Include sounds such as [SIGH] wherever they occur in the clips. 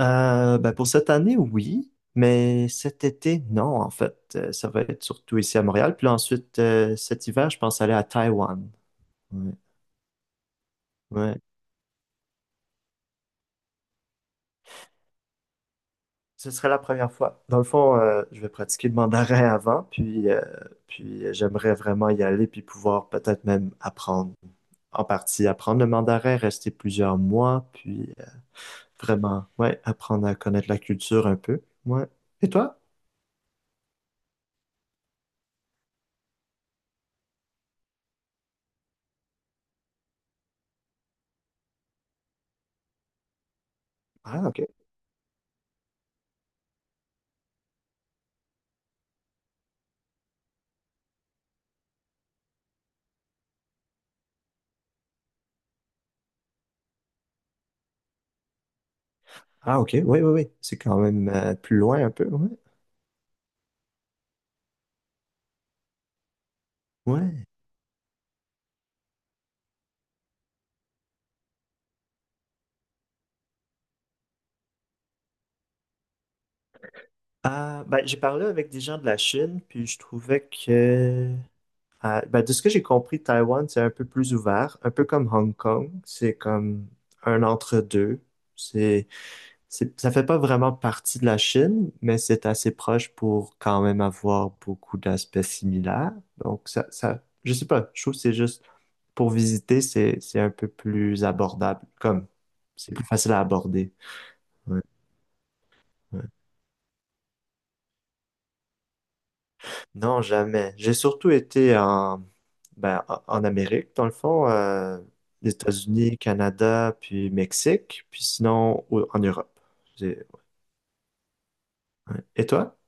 Ben pour cette année, oui, mais cet été, non, en fait. Ça va être surtout ici à Montréal. Puis là, ensuite, cet hiver, je pense aller à Taïwan. Ouais. Ouais. Ce serait la première fois. Dans le fond, je vais pratiquer le mandarin [LAUGHS] avant, puis j'aimerais vraiment y aller, puis pouvoir peut-être même apprendre en partie, apprendre le mandarin, rester plusieurs mois, puis vraiment, ouais, apprendre à connaître la culture un peu. Ouais. Et toi? Ah, ok. Ah, ok. Oui, oui, oui. C'est quand même plus loin un peu. Ouais. Ouais. Ah, ben, j'ai parlé avec des gens de la Chine, puis je trouvais que, ah, ben, de ce que j'ai compris, Taïwan, c'est un peu plus ouvert, un peu comme Hong Kong. C'est comme un entre-deux. C'est, c'est, ça fait pas vraiment partie de la Chine, mais c'est assez proche pour quand même avoir beaucoup d'aspects similaires. Donc, ça, je sais pas, je trouve que c'est juste, pour visiter, c'est un peu plus abordable, comme, c'est plus facile à aborder. Ouais. Ouais. Non, jamais. J'ai surtout été ben, en Amérique, dans le fond, les États-Unis, Canada, puis Mexique, puis sinon en Europe. J'ai- ouais. Et toi?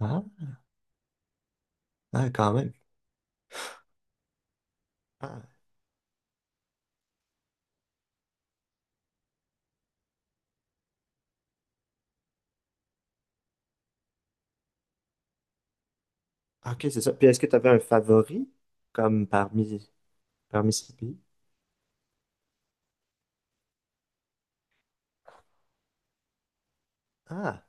Ah, ah, quand même. Ah, ok, c'est ça. Puis est-ce que tu avais un favori comme parmi, ces pays? Ah,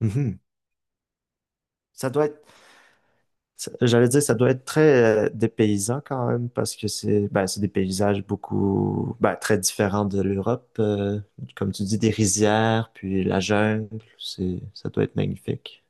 mhm. Ça doit être. J'allais dire, ça doit être très dépaysant quand même, parce que c'est ben, c'est des paysages beaucoup ben, très différents de l'Europe. Comme tu dis, des rizières, puis la jungle, c'est, ça doit être magnifique.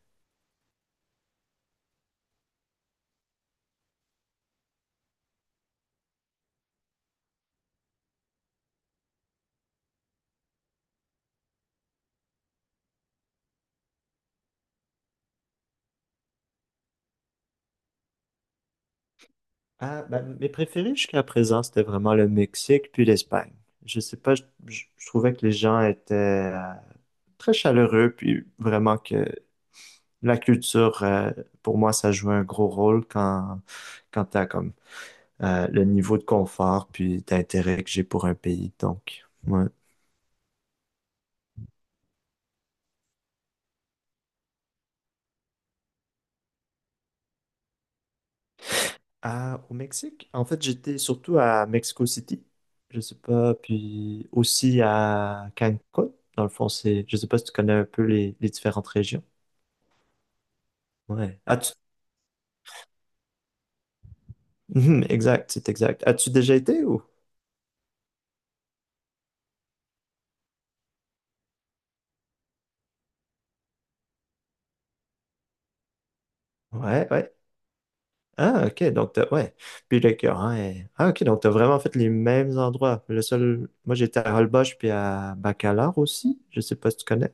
Ah, ben, mes préférés jusqu'à présent, c'était vraiment le Mexique puis l'Espagne. Je sais pas, je trouvais que les gens étaient très chaleureux, puis vraiment que la culture, pour moi, ça joue un gros rôle quand tu as comme le niveau de confort puis d'intérêt que j'ai pour un pays. Donc, ouais. Ah, au Mexique, en fait, j'étais surtout à Mexico City, je sais pas, puis aussi à Cancun. Dans le fond, c'est, je sais pas si tu connais un peu les différentes régions. Ouais. [LAUGHS] Mhm, exact, c'est exact. As-tu déjà été ou? Ouais, ouais. Ah, ok, donc t'as, ouais. Puis le cœur, hein, Ah, ok, donc t'as vraiment fait les mêmes endroits. Le seul, moi j'étais à Holbox puis à Bacalar aussi. Je sais pas si tu connais.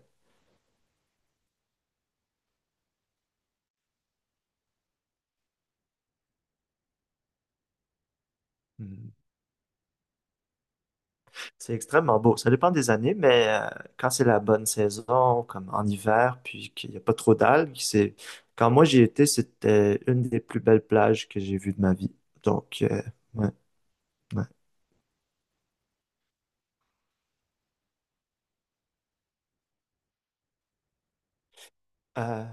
C'est extrêmement beau. Ça dépend des années, mais quand c'est la bonne saison, comme en hiver, puis qu'il n'y a pas trop d'algues, c'est. Quand moi j'y étais, c'était une des plus belles plages que j'ai vues de ma vie. Donc, ouais, ouais. Euh,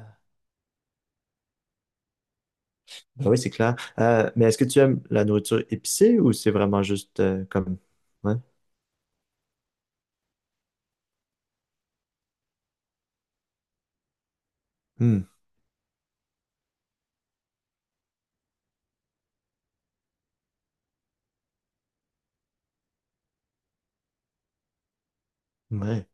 ben oui, c'est clair. Mais est-ce que tu aimes la nourriture épicée ou c'est vraiment juste comme. Ouais. Hmm. Ouais.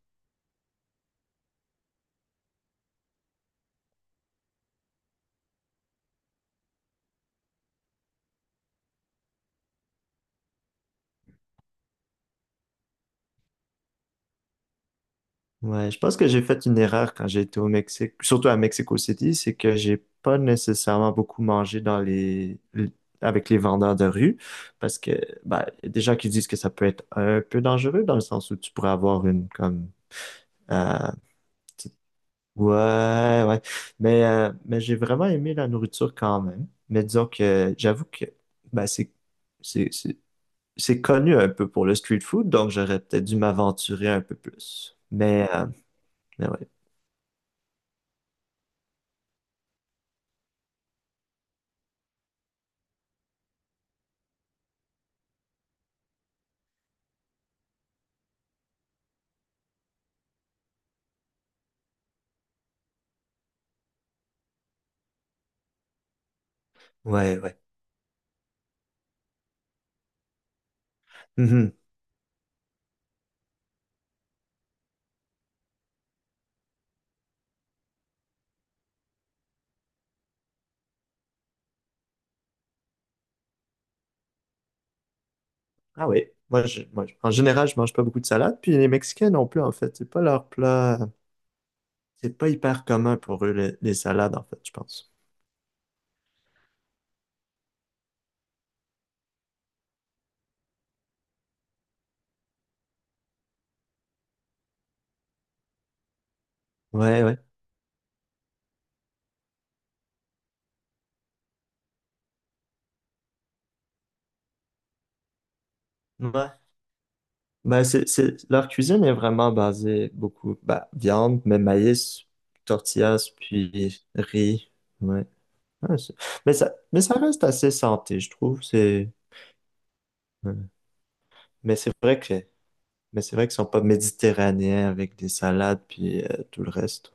Ouais, je pense que j'ai fait une erreur quand j'ai été au Mexique, surtout à Mexico City, c'est que j'ai pas nécessairement beaucoup mangé dans les avec les vendeurs de rue, parce que bah, y a des gens qui disent que ça peut être un peu dangereux dans le sens où tu pourrais avoir une comme euh, ouais ouais, mais j'ai vraiment aimé la nourriture quand même. Mais disons que j'avoue que bah c'est c'est c'est connu un peu pour le street food, donc j'aurais peut-être dû m'aventurer un peu plus. Mais ouais ouais ouais. Mhm. Ah oui, en général, je mange pas beaucoup de salade, puis les Mexicains non plus, en fait. C'est pas leur plat. C'est pas hyper commun pour eux, les salades, en fait, je pense. Ouais, ouais. Ouais. Ben, leur cuisine est vraiment basée beaucoup, bah viande, mais maïs, tortillas, puis riz. Ouais. Ouais, mais ça reste assez santé, je trouve. Ouais. mais c'est vrai que, mais c'est vrai qu'ils sont pas méditerranéens avec des salades, puis tout le reste.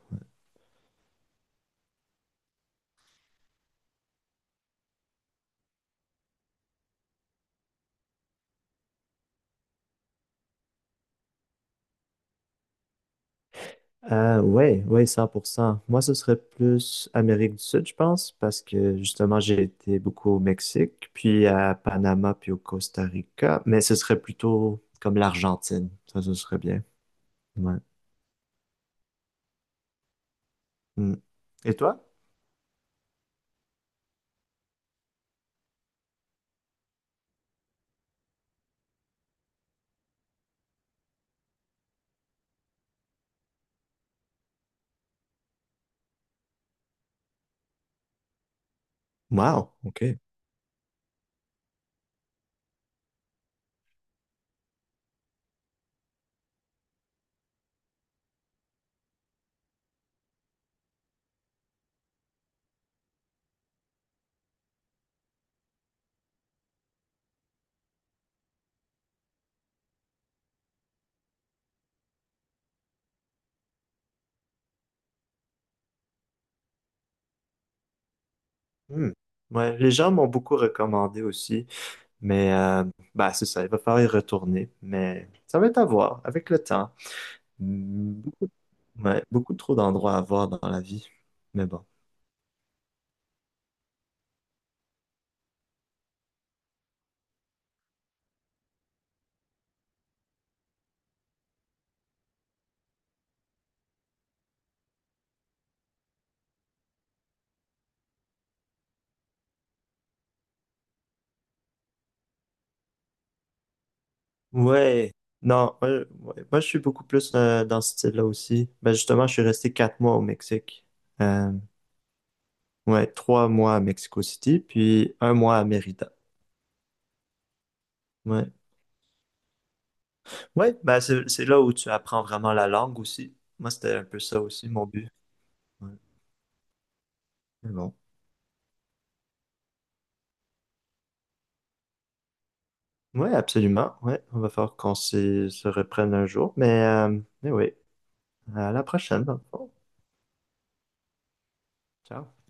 Ouais, ouais, 100%. Moi, ce serait plus Amérique du Sud, je pense, parce que justement, j'ai été beaucoup au Mexique, puis à Panama, puis au Costa Rica, mais ce serait plutôt comme l'Argentine. Ça, ce serait bien. Ouais. Mm. Et toi? Wow, OK. Hmm. Ouais, les gens m'ont beaucoup recommandé aussi, mais bah, c'est ça, il va falloir y retourner, mais ça va être à voir avec le temps. Hmm. Ouais, beaucoup trop d'endroits à voir dans la vie, mais bon. Ouais, non, ouais. Moi, je suis beaucoup plus dans ce style-là aussi. Ben justement, je suis resté 4 mois au Mexique. Euh, ouais, 3 mois à Mexico City, puis un mois à Mérida. Ouais, ouais, ben c'est là où tu apprends vraiment la langue aussi. Moi, c'était un peu ça aussi mon but. Ouais, mais bon. Ouais, absolument. Ouais, on va falloir qu'on se reprenne un jour, mais oui, à la prochaine dans le fond. Ciao.